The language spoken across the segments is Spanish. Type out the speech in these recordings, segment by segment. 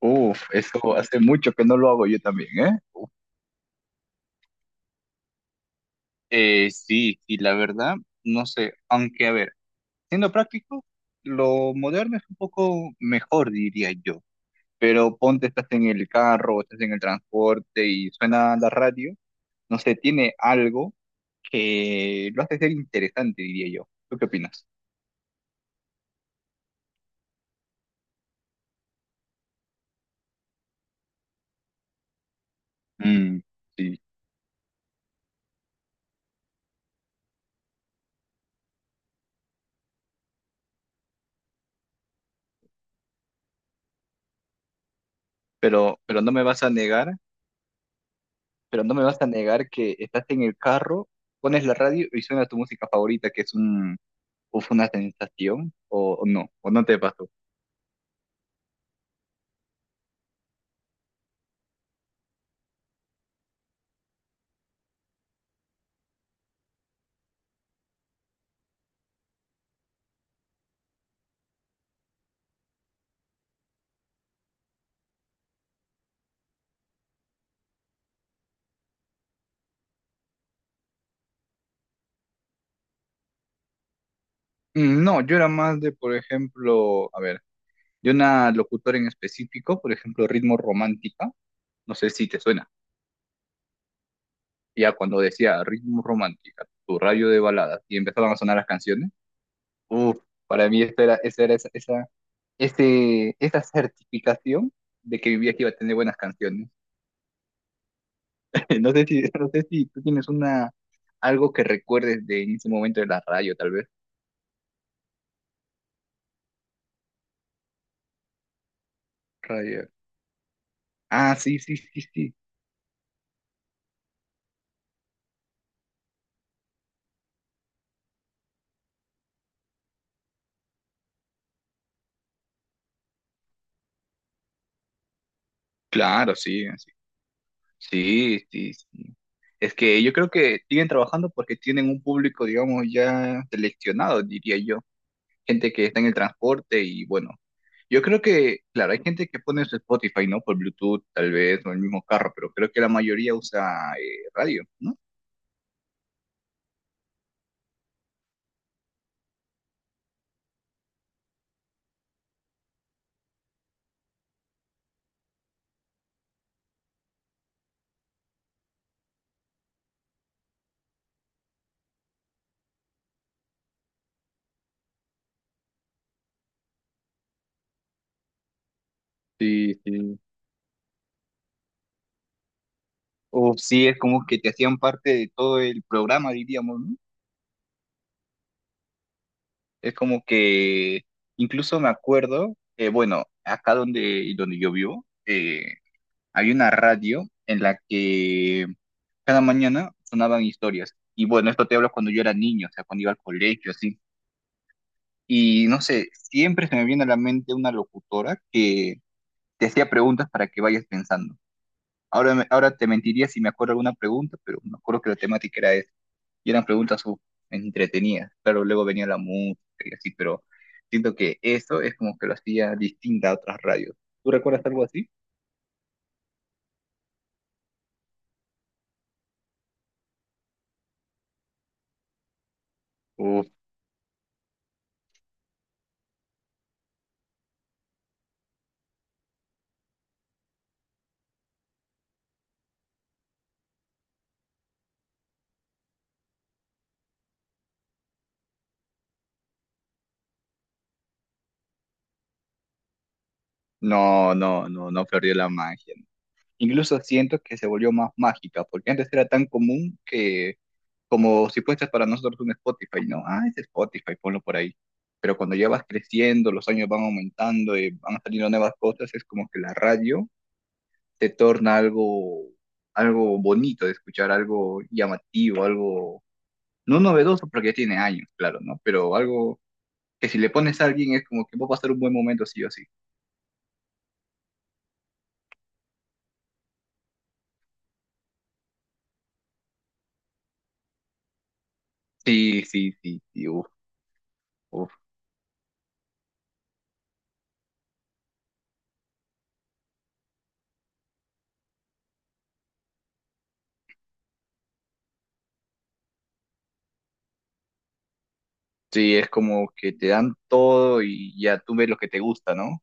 Uf, eso hace mucho que no lo hago yo también, ¿eh? Sí, y la verdad, no sé, aunque a ver, siendo práctico, lo moderno es un poco mejor, diría yo, pero ponte, estás en el carro, estás en el transporte y suena la radio, no sé, tiene algo que lo hace ser interesante, diría yo. ¿Tú qué opinas? Mm, sí. Pero no me vas a negar, pero no me vas a negar que estás en el carro, pones la radio y suena tu música favorita, que es un, o fue una sensación o no te pasó. Mm, no, yo era más de, por ejemplo, a ver, de una locutora en específico, por ejemplo, Ritmo Romántica, no sé si te suena, ya cuando decía Ritmo Romántica, tu radio de baladas, y empezaban a sonar las canciones, uff, para mí esta era esa, esa, esa certificación de que vivía que iba a tener buenas canciones. No sé si, no sé si tú tienes una, algo que recuerdes de en ese momento de la radio, tal vez. Radio. Ah, sí, sí, sí, sí. Claro, sí, sí, sí, sí, sí. Es que yo creo que siguen trabajando porque tienen un público, digamos, ya seleccionado, diría yo. Gente que está en el transporte y bueno, yo creo que, claro, hay gente que pone su Spotify, ¿no? Por Bluetooth, tal vez, o el mismo carro, pero creo que la mayoría usa radio, ¿no? Sí, sí. O sí, es como que te hacían parte de todo el programa, diríamos, ¿no? Es como que incluso me acuerdo, bueno, acá donde, donde yo vivo, había una radio en la que cada mañana sonaban historias. Y bueno, esto te hablo cuando yo era niño, o sea, cuando iba al colegio, así. Y no sé, siempre se me viene a la mente una locutora que te hacía preguntas para que vayas pensando. Ahora, ahora te mentiría si me acuerdo alguna pregunta, pero me acuerdo que la temática era esa. Y eran preguntas entretenidas. Claro, luego venía la música y así, pero siento que eso es como que lo hacía distinta a otras radios. ¿Tú recuerdas algo así? Uf, no, no, no, no perdió la magia. No. Incluso siento que se volvió más mágica, porque antes era tan común que como si fuese para nosotros un Spotify, ¿no? Ah, es Spotify, ponlo por ahí. Pero cuando ya vas creciendo, los años van aumentando y van saliendo nuevas cosas, es como que la radio te torna algo, algo bonito de escuchar, algo llamativo, algo, no novedoso porque ya tiene años, claro, ¿no? Pero algo que si le pones a alguien es como que va a pasar un buen momento sí o sí. Sí, sí, sí, sí, uf, uf. Sí, es como que te dan todo y ya tú ves lo que te gusta, ¿no?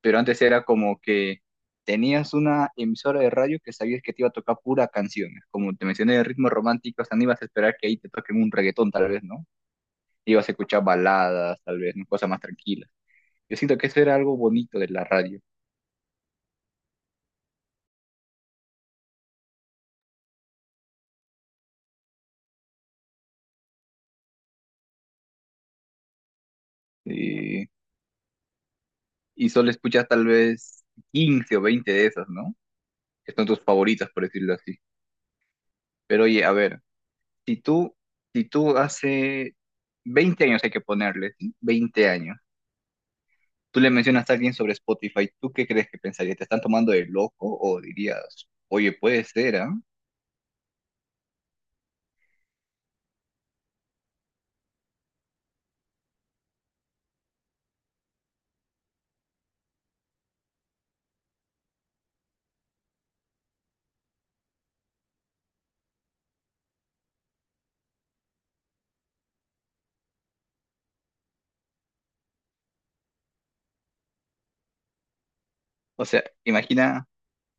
Pero antes era como que tenías una emisora de radio que sabías que te iba a tocar pura canciones. Como te mencioné de ritmos románticos, no ibas a esperar que ahí te toquen un reggaetón tal vez, ¿no? Ibas a escuchar baladas, tal vez, ¿no? Cosas más tranquilas. Yo siento que eso era algo bonito de la radio. eh, y solo escuchas tal vez 15 o 20 de esas, ¿no? Que son tus favoritas, por decirlo así. Pero oye, a ver. Si tú, si tú hace 20 años hay que ponerle, ¿sí? 20 años, tú le mencionas a alguien sobre Spotify, ¿tú qué crees que pensaría? ¿Te están tomando de loco o dirías, oye, puede ser, ¿ah? O sea, imagina,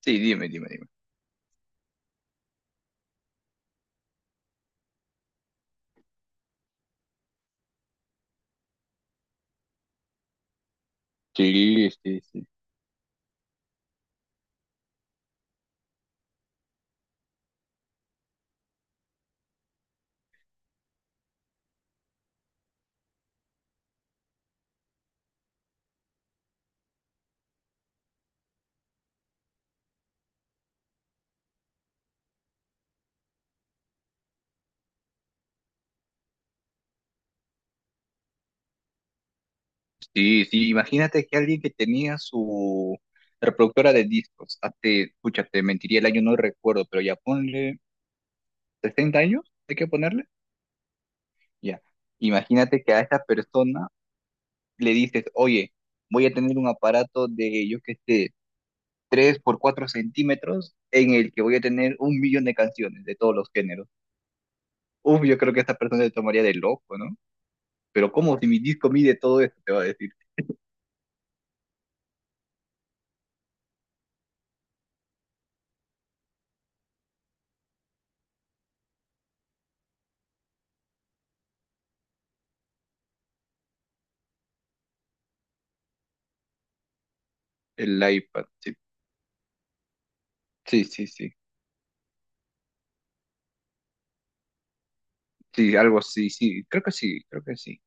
sí, dime, dime, dime. Sí, sí, sí. Sí, sí, imagínate que alguien que tenía su reproductora de discos, hace, escucha, te mentiría el año, no recuerdo, pero ya ponle 60 años, hay que ponerle, ya. Imagínate que a esta persona le dices, oye, voy a tener un aparato de, yo que sé, 3 por 4 centímetros en el que voy a tener un millón de canciones de todos los géneros. Uf, yo creo que esta persona se tomaría de loco, ¿no? Pero ¿cómo si mi disco mide todo esto? Te va a decir el iPad. Sí, sí, sí, sí. Sí, algo así, sí. Creo que sí, creo que sí.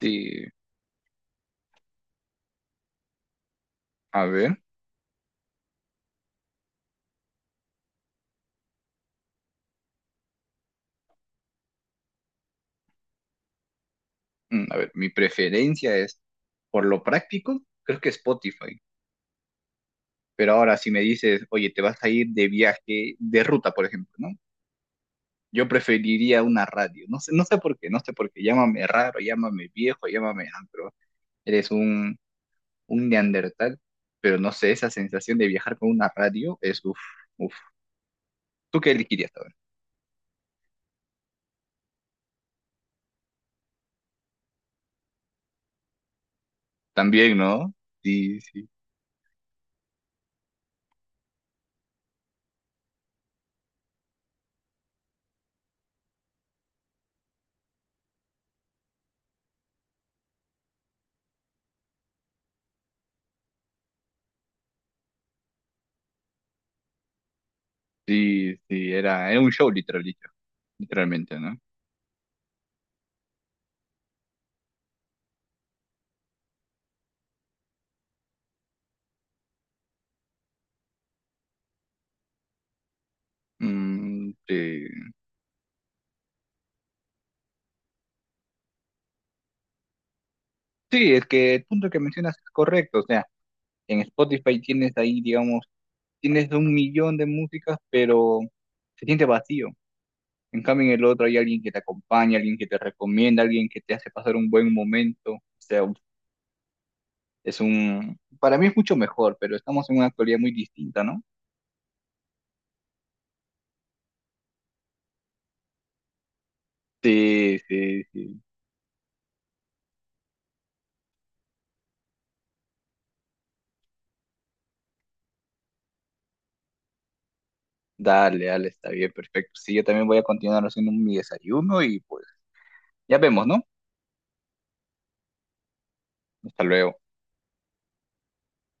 Sí. A ver, a ver, mi preferencia es, por lo práctico, creo que Spotify. Pero ahora si me dices, oye, te vas a ir de viaje, de ruta, por ejemplo, ¿no? Yo preferiría una radio. No sé, no sé por qué, no sé por qué. Llámame raro, llámame viejo, llámame ah, pero eres un neandertal, pero no sé, esa sensación de viajar con una radio es uff, uff. ¿Tú qué elegirías a también, ¿no? Sí, sí, sí, sí, era, era un show literal, literalmente, ¿no? Mm, sí. Sí, es que el punto que mencionas es correcto, o sea, en Spotify tienes ahí, digamos, tienes un millón de músicas, pero se siente vacío. En cambio, en el otro hay alguien que te acompaña, alguien que te recomienda, alguien que te hace pasar un buen momento. O sea, es un, para mí es mucho mejor, pero estamos en una actualidad muy distinta, ¿no? Sí, sí, sí. Dale, dale, está bien, perfecto. Sí, yo también voy a continuar haciendo mi desayuno y pues ya vemos, ¿no? Hasta luego.